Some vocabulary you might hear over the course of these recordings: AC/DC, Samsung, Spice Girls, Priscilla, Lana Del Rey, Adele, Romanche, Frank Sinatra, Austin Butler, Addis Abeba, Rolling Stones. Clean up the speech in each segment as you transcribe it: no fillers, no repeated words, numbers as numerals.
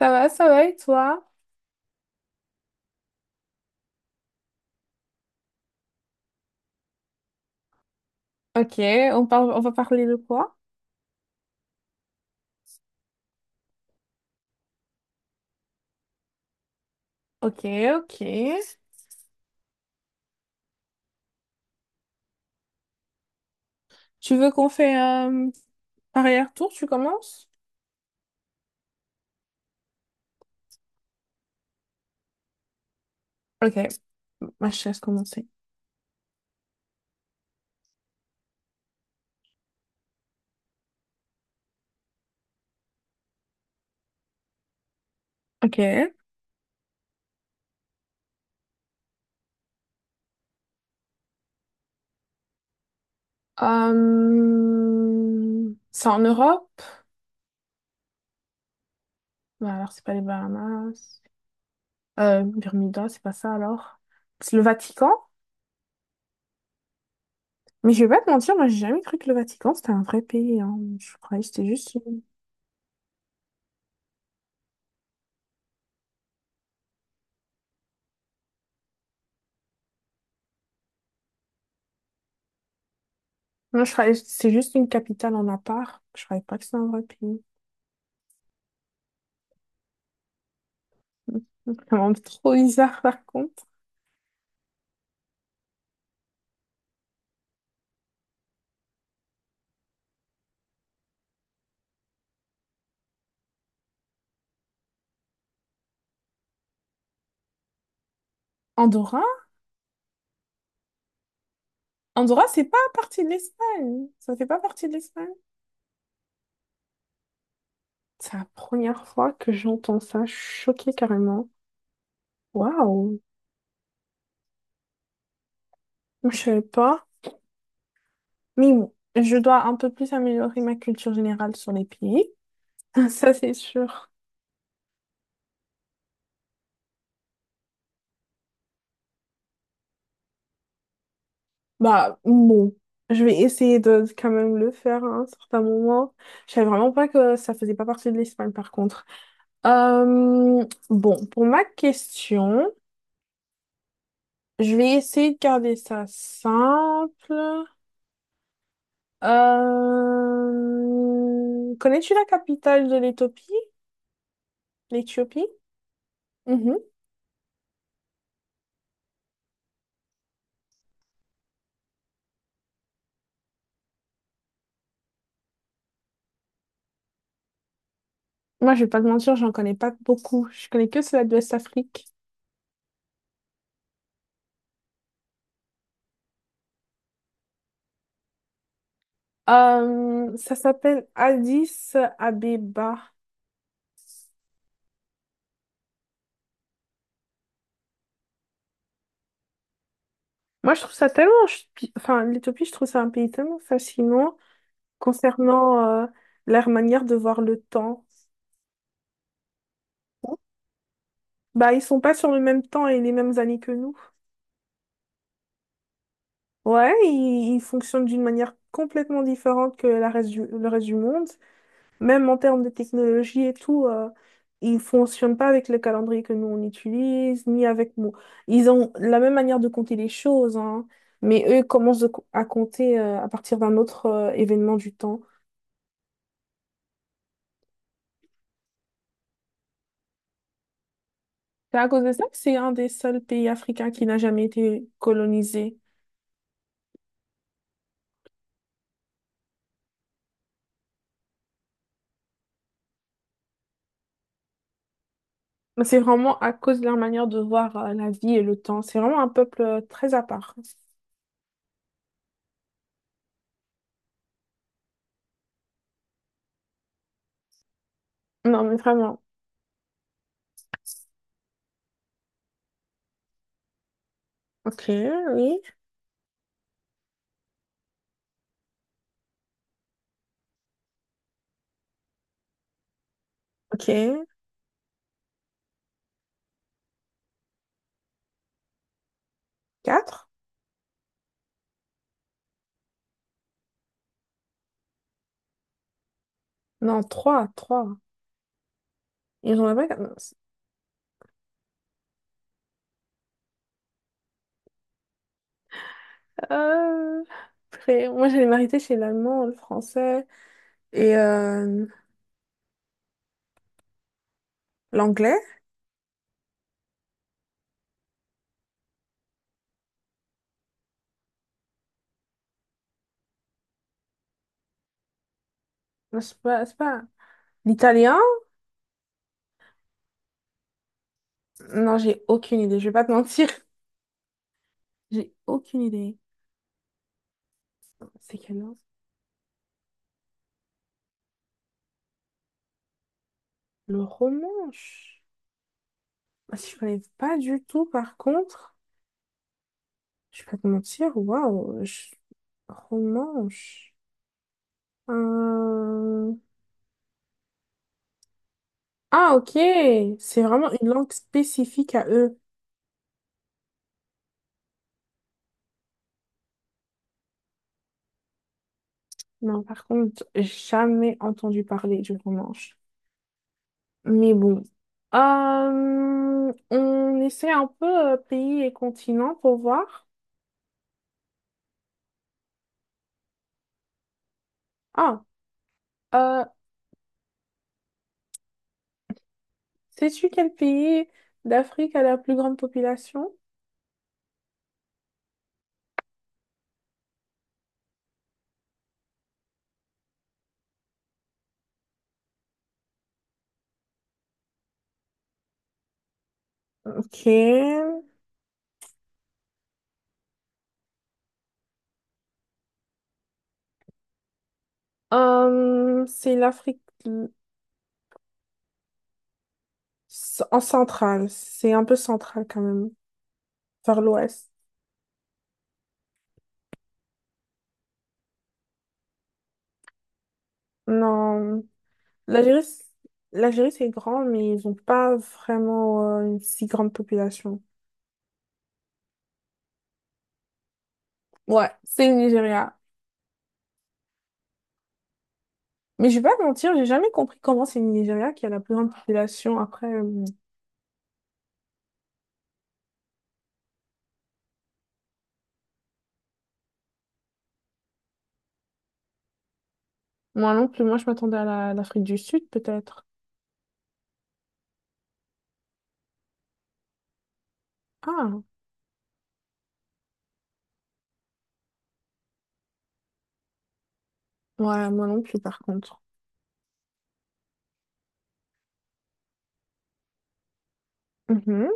Ça va et toi? Ok, on parle, on va parler de quoi? Ok, ok. Tu veux qu'on fait un arrière-tour? Tu commences? Ok, ma chaise commencer. Ok. C'est en Europe? Bah alors, c'est pas les Bahamas. Bermuda, c'est pas ça alors. C'est le Vatican? Mais je vais pas te mentir, moi j'ai jamais cru que le Vatican c'était un vrai pays, hein. Je croyais que c'était juste une… Moi, je croyais que c'était juste une capitale en à part. Je croyais pas que c'était un vrai pays. C'est vraiment trop bizarre par contre. Andorra? Andorra, c'est pas partie de l'Espagne. Ça fait pas partie de l'Espagne. C'est la première fois que j'entends ça. Je suis choquée carrément. Waouh! Je savais pas. Mais bon, je dois un peu plus améliorer ma culture générale sur les pays. Ça, c'est sûr. Bah, bon. Je vais essayer de quand même le faire à un certain moment. Je savais vraiment pas que ça faisait pas partie de l'Espagne par contre. Euh, bon, pour ma question. Je vais essayer de garder ça simple. Connais-tu la capitale de l'Éthiopie? L'Éthiopie? Mhm. Moi, je vais pas te mentir, j'en connais pas beaucoup. Je connais que celle de l'Ouest-Afrique. Ça s'appelle Addis Abeba. Moi, je trouve ça tellement… Enfin, l'Éthiopie, je trouve ça un pays tellement fascinant concernant leur manière de voir le temps. Bah, ils sont pas sur le même temps et les mêmes années que nous. Ouais, ils il fonctionne d'une manière complètement différente que le reste du monde. Même en termes de technologie et tout, ils ne fonctionnent pas avec le calendrier que nous on utilise, ni avec nous. Ils ont la même manière de compter les choses, hein, mais eux commencent à compter à partir d'un autre événement du temps. C'est à cause de ça que c'est un des seuls pays africains qui n'a jamais été colonisé. Mais c'est vraiment à cause de leur manière de voir la vie et le temps. C'est vraiment un peuple très à part. Non, mais vraiment. Ok, oui. Ok. Quatre? Non, trois, trois. Ils ont là-bas. Euh… Après, moi, j'allais m'arrêter chez l'allemand, le français et l'anglais. Non, je sais pas, c'est pas. L'italien? Non, j'ai aucune idée. Je vais pas te mentir. J'ai aucune idée. C'est quelle langue? Le romanche. Je… Ah, si je connais pas du tout, par contre. Je vais pas te mentir. Waouh. Romanche. Euh, Ah, ok. C'est vraiment une langue spécifique à eux. Non, par contre, jamais entendu parler du romanche. Mais bon. On essaie un peu pays et continent pour voir. Ah, euh, sais-tu quel pays d'Afrique a la plus grande population? Ok. Euh, c'est l'Afrique l- en centrale. C'est un peu central quand même, vers l'ouest. Non. L'Algérie, c- l'Algérie, c'est grand, mais ils n'ont pas vraiment une si grande population. Ouais, c'est le Nigeria. Mais je vais pas te mentir, j'ai jamais compris comment c'est le Nigeria qui a la plus grande population. Après, moi non plus, moi je m'attendais à l'Afrique du Sud peut-être. Ah, ouais, moi non plus par contre. Mhm,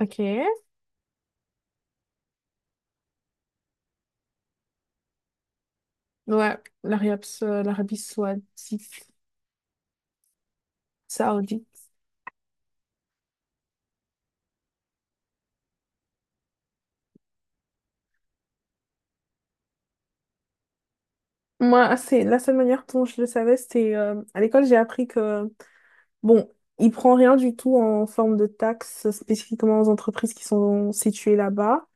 ok. Ouais, l'Arabie Saoudite. Saoudite. Moi, c'est la seule manière dont je le savais, c'était à l'école, j'ai appris que bon, il prend rien du tout en forme de taxes spécifiquement aux entreprises qui sont situées là-bas,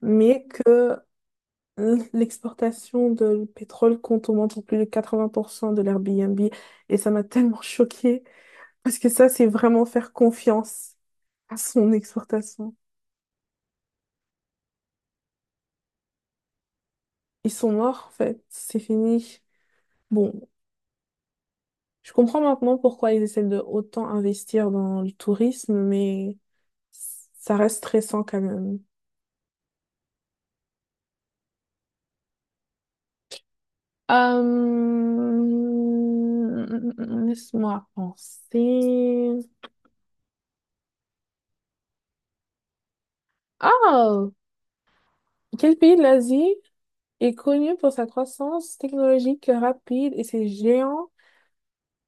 mais que l'exportation de pétrole compte au moins pour plus de 80% de l'Airbnb. Et ça m'a tellement choquée, parce que ça, c'est vraiment faire confiance à son exportation. Ils sont morts, en fait, c'est fini. Bon, je comprends maintenant pourquoi ils essaient de autant investir dans le tourisme, mais ça reste stressant quand même. Euh, Laisse-moi penser. Ah, quel pays de l'Asie est connu pour sa croissance technologique rapide et ses géants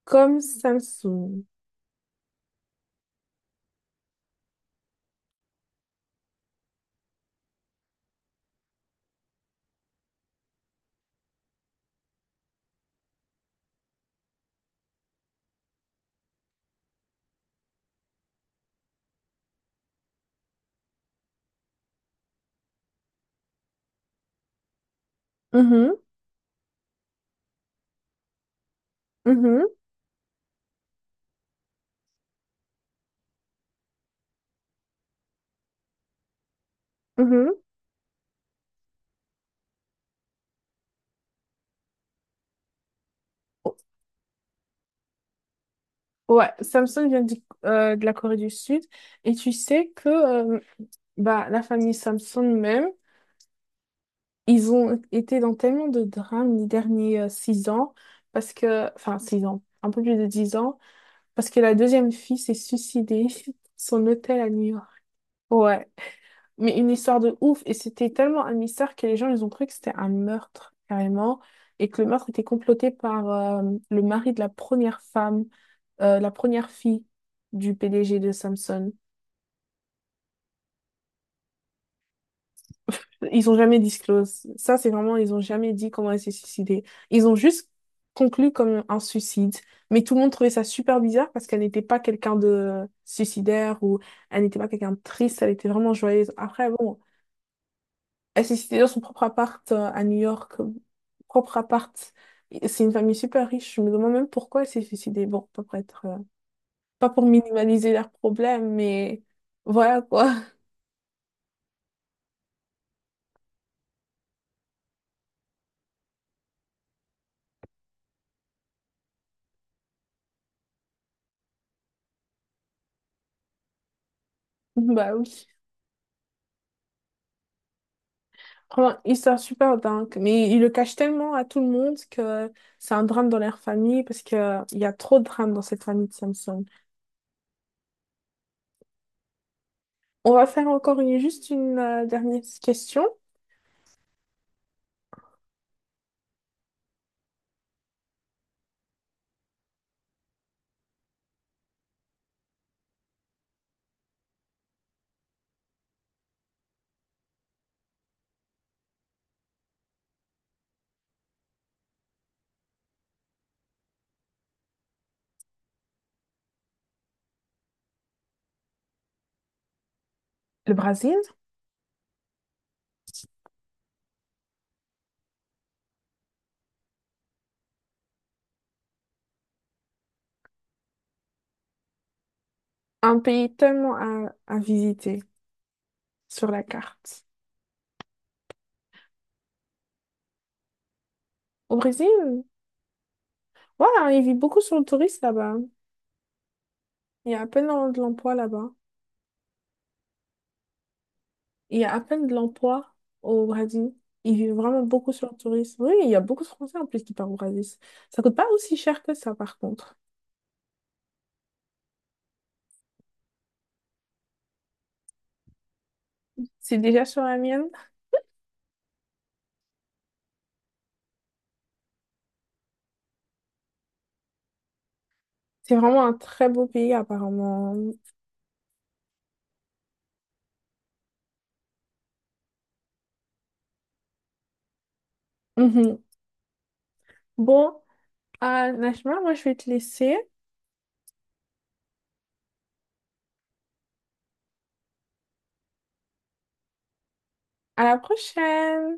comme Samsung? Mhm, mhm, mhm. Ouais, Samsung vient de la Corée du Sud et tu sais que euh, bah, la famille Samsung même, ils ont été dans tellement de drames les derniers 6 ans parce que, enfin 6 ans, un peu plus de 10 ans. Parce que la deuxième fille s'est suicidée dans son hôtel à New York. Ouais, mais une histoire de ouf. Et c'était tellement un mystère que les gens, ils ont cru que c'était un meurtre, carrément. Et que le meurtre était comploté par le mari de la première femme, la première fille du PDG de Samsung. Ils ont jamais disclose. Ça, c'est vraiment, ils ont jamais dit comment elle s'est suicidée. Ils ont juste conclu comme un suicide. Mais tout le monde trouvait ça super bizarre parce qu'elle n'était pas quelqu'un de suicidaire ou elle n'était pas quelqu'un de triste, elle était vraiment joyeuse. Après, bon, elle s'est suicidée dans son propre appart à New York, propre appart. Et c'est une famille super riche. Je me demande même pourquoi elle s'est suicidée. Bon, pas pour être, pas pour minimaliser leurs problèmes, mais voilà quoi. Bah oui. Franchement, histoire super dingue, mais il le cache tellement à tout le monde que c'est un drame dans leur famille parce que il y a trop de drames dans cette famille de Samson. On va faire encore une, juste une dernière question. Le Brésil, un pays tellement à visiter sur la carte. Au Brésil, voilà, il vit beaucoup sur le tourisme là-bas. Il y a à peine de l'emploi là-bas. Il y a à peine de l'emploi au Brésil. Ils vivent vraiment beaucoup sur le tourisme. Oui, il y a beaucoup de Français en plus qui partent au Brésil. Ça coûte pas aussi cher que ça, par contre. C'est déjà sur la mienne. C'est vraiment un très beau pays, apparemment. Mhm. Bon, Najma, moi, je vais te laisser. À la prochaine!